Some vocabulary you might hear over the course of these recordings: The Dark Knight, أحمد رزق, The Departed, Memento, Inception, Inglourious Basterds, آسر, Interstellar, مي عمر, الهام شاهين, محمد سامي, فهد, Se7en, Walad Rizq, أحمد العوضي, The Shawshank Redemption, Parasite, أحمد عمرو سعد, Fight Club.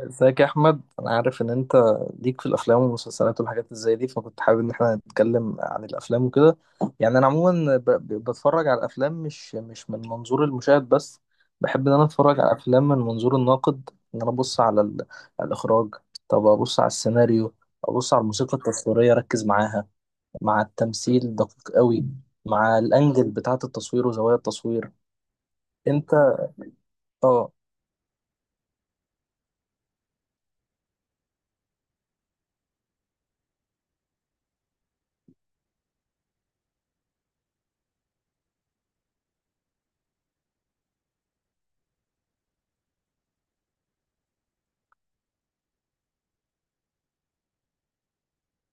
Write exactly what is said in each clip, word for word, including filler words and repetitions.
ازيك يا احمد؟ انا عارف ان انت ليك في الافلام والمسلسلات والحاجات اللي زي دي، فكنت حابب ان احنا نتكلم عن الافلام وكده. يعني انا عموما ب- ب- بتفرج على الافلام مش مش من منظور المشاهد بس. بحب ان انا اتفرج على الافلام من منظور الناقد، ان انا ابص على ال- على الاخراج، طب ابص على السيناريو، ابص على الموسيقى التصويريه اركز معاها، مع التمثيل دقيق قوي، مع الانجل بتاعه التصوير وزوايا التصوير. انت؟ اه.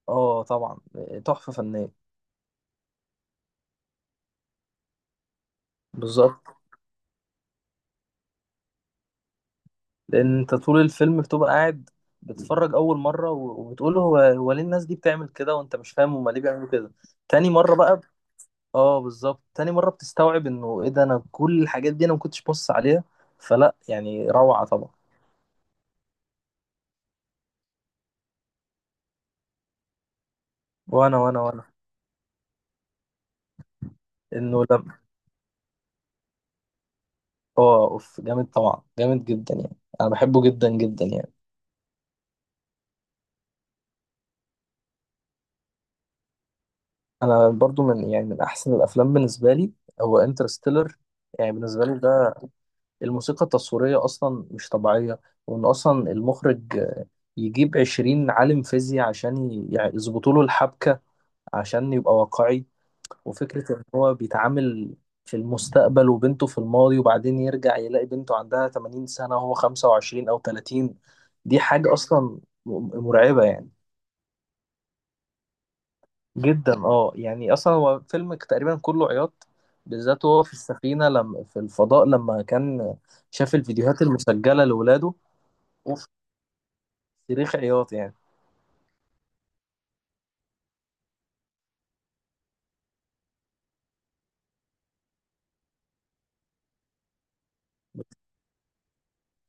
اه طبعا، تحفه فنيه. بالظبط. لان انت طول الفيلم بتبقى قاعد بتتفرج اول مره و- وبتقول هو هو ليه الناس دي بتعمل كده وانت مش فاهم هما ليه بيعملوا كده. تاني مره بقى ب- اه بالظبط، تاني مره بتستوعب انه ايه ده، انا كل الحاجات دي انا ما كنتش بص عليها. فلا يعني روعه طبعا. وانا وانا وانا انه لم. اه اوف، جامد طبعا، جامد جدا يعني، انا بحبه جدا جدا يعني. انا برضو من يعني من احسن الافلام بالنسبه لي هو انترستيلر. يعني بالنسبه لي ده، الموسيقى التصويرية أصلا مش طبيعية. وإن أصلا المخرج آه، يجيب عشرين عالم فيزياء عشان ي- يعني يظبطوا له الحبكة عشان يبقى واقعي. وفكرة إن هو بيتعامل في المستقبل وبنته في الماضي وبعدين يرجع يلاقي بنته عندها 80 سنة وهو خمسة وعشرين أو ثلاثين. دي حاجة أصلا م- مرعبة يعني. جدا اه يعني، أصلا هو فيلم تقريبا كله عياط، بالذات هو في السفينة، لما في الفضاء لما كان شاف الفيديوهات المسجلة لولاده، صريخ عياط يعني.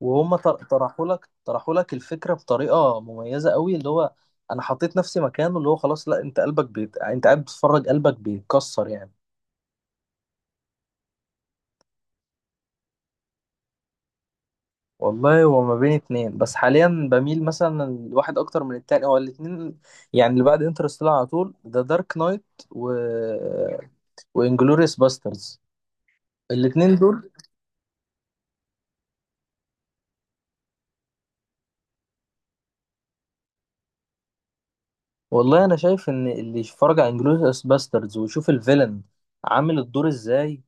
وهم ط- طرحوا لك، طرحوا لك الفكره بطريقه مميزه قوي، اللي هو انا حطيت نفسي مكانه، اللي هو خلاص لا انت قلبك بيت، انت قاعد بتتفرج قلبك بيتكسر يعني. والله هو ما بين اتنين، بس حاليا بميل مثلا الواحد اكتر من التاني، هو الاتنين يعني اللي بعد انترستيلر على طول، ذا دارك نايت، و وانجلوريوس باسترز، الاتنين دول. والله انا شايف ان اللي يتفرج على انجلوريوس باسترز ويشوف الفيلن عامل الدور ازاي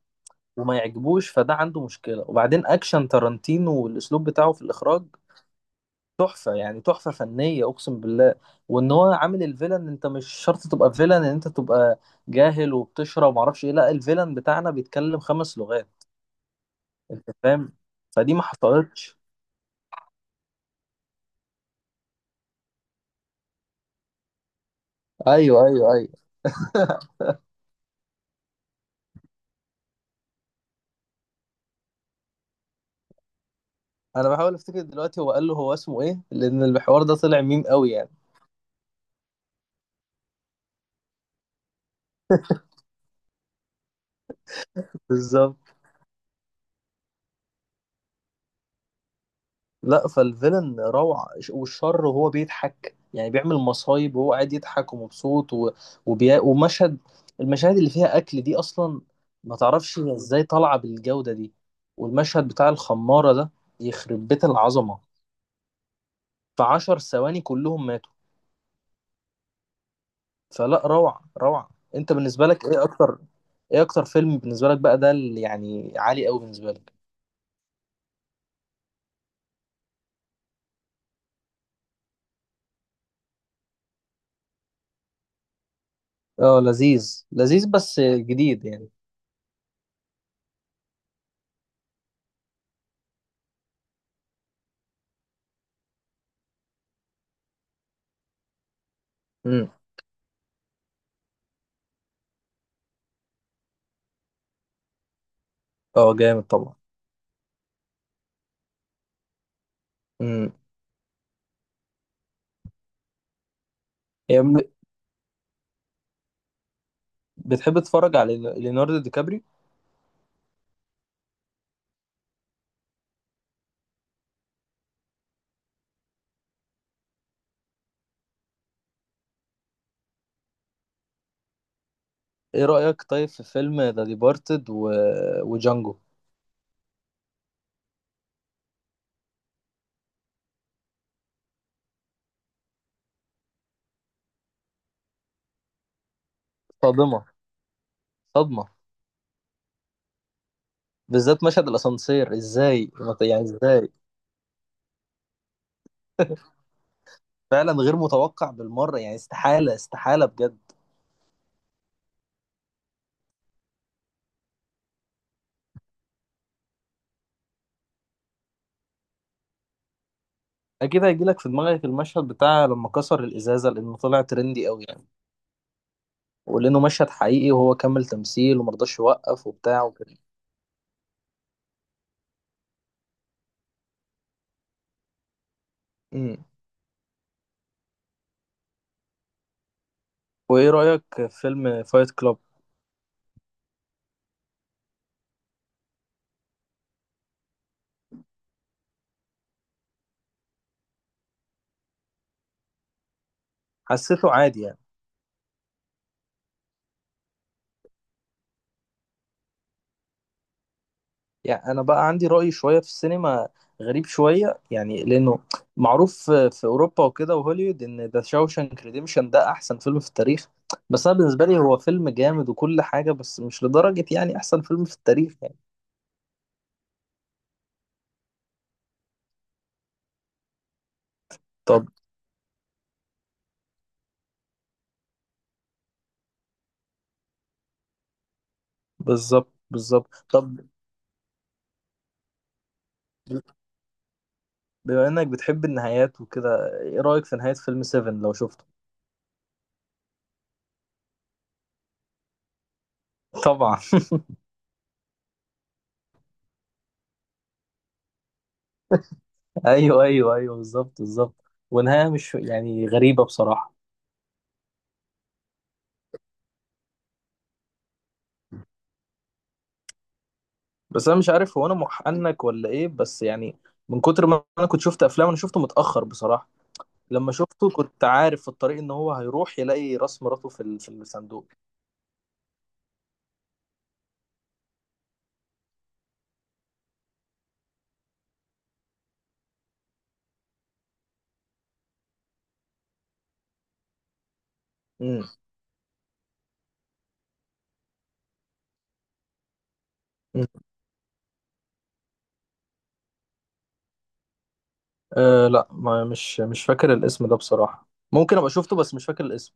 وما يعجبوش، فده عنده مشكلة. وبعدين أكشن تارانتينو والأسلوب بتاعه في الإخراج، تحفة يعني، تحفة فنية أقسم بالله. وإن هو عامل الفيلن، أنت مش شرط تبقى فيلن إن أنت تبقى جاهل وبتشرب ومعرفش إيه، لا، الفيلن بتاعنا بيتكلم خمس لغات. أنت فاهم؟ فدي ما حصلتش. ايوه ايوه ايوه. انا بحاول افتكر دلوقتي هو قال له هو اسمه ايه، لان الحوار ده طلع ميم قوي يعني. بالظبط. لا، فالفيلن روعة، ش- والشر وهو بيضحك يعني، بيعمل مصايب وهو قاعد يضحك ومبسوط و... وبي... ومشهد، المشاهد اللي فيها أكل دي أصلا ما تعرفش هي إزاي طالعة بالجودة دي. والمشهد بتاع الخمارة ده يخرب بيت العظمة، في عشر ثواني كلهم ماتوا. فلا روعة، روعة. أنت بالنسبة لك إيه أكتر، إيه أكتر فيلم بالنسبة لك بقى ده اللي يعني عالي أوي بالنسبة لك؟ اه لذيذ لذيذ بس جديد يعني. امم. اه جامد طبعا. امم. بتحب تتفرج على ليوناردو دي كابري؟ ايه رأيك طيب في فيلم ذا ديبارتد و... وجانجو؟ صادمة، صدمة. بالذات مشهد الأسانسير، ازاي يعني؟ ازاي؟ فعلا غير متوقع بالمرة يعني، استحالة استحالة بجد. أكيد هيجيلك في دماغك المشهد بتاع لما كسر الإزازة، لأنه طلع ترندي قوي يعني. ولأنه مشهد حقيقي وهو كمل تمثيل ومرضاش يوقف وبتاع وكده. امم. وإيه رأيك في فيلم فايت كلاب؟ حسيته عادي يعني. يعني انا بقى عندي رأي شوية في السينما غريب شوية، يعني لانه معروف في في اوروبا وكده وهوليوود ان ذا شاوشانك ريديمشن ده احسن فيلم في التاريخ، بس انا بالنسبة لي هو فيلم جامد وكل حاجة بس مش لدرجة يعني احسن فيلم في التاريخ يعني. طب بالظبط، بالظبط. طب بما انك بتحب النهايات وكده، ايه رأيك في نهاية فيلم سفن لو شفته؟ طبعا. ايوه ايوه ايوه، بالظبط بالظبط. ونهاية مش يعني غريبة بصراحة. بس انا مش عارف هو انا محنك ولا ايه، بس يعني من كتر ما انا كنت شفت افلام انا شفته متاخر بصراحه. لما شفته كنت عارف في الطريق ان هو هيروح يلاقي راس مراته في ال- في الصندوق. امم. أمم. آه لا، ما مش مش فاكر الاسم ده بصراحه، ممكن ابقى شفته بس مش فاكر الاسم.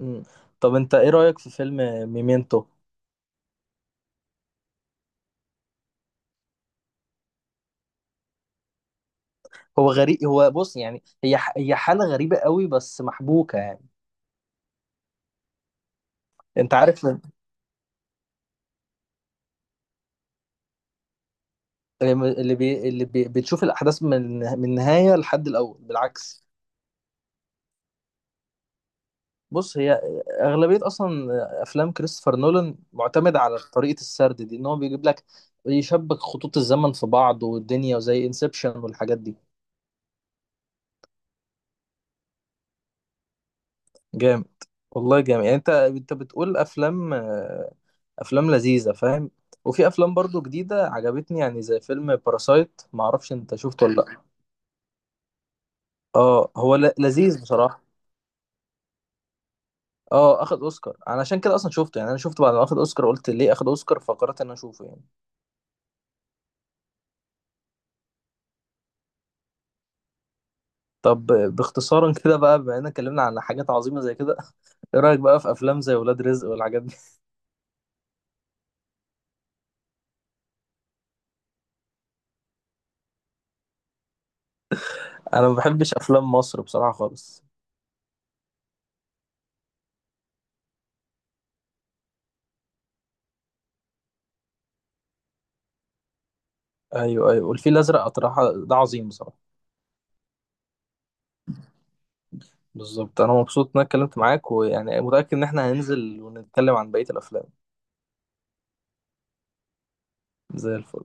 امم. طب انت ايه رايك في فيلم ميمنتو؟ هو غريب، هو بص يعني هي ح- هي حاله غريبه قوي بس محبوكه يعني. انت عارف، اللي بي... اللي بي... بتشوف الاحداث من من النهايه لحد الاول بالعكس. بص، هي اغلبيه اصلا افلام كريستوفر نولان معتمده على طريقه السرد دي، ان هو بيجيب لك يشبك خطوط الزمن في بعض والدنيا، وزي انسبشن والحاجات دي. جامد، والله جامد يعني. انت، انت بتقول افلام آه، افلام لذيذه فاهم. وفي افلام برضو جديده عجبتني، يعني زي فيلم باراسايت، ما اعرفش انت شفته ولا لا. اه هو ل- لذيذ بصراحه. اه اخد اوسكار، انا عشان كده اصلا شفته يعني، انا شفته بعد ما اخد اوسكار، قلت ليه اخد اوسكار فقررت ان أنا اشوفه يعني. طب باختصارا كده بقى، بما اننا اتكلمنا عن حاجات عظيمه زي كده، ايه رايك بقى في افلام زي ولاد رزق والحاجات دي؟ انا ما بحبش افلام مصر بصراحه خالص. ايوه ايوه، والفيل الازرق اطرحه ده عظيم بصراحه. بالظبط، انا مبسوط ان انا اتكلمت معاك ويعني متاكد ان احنا هننزل ونتكلم عن بقيه الافلام. زي الفل.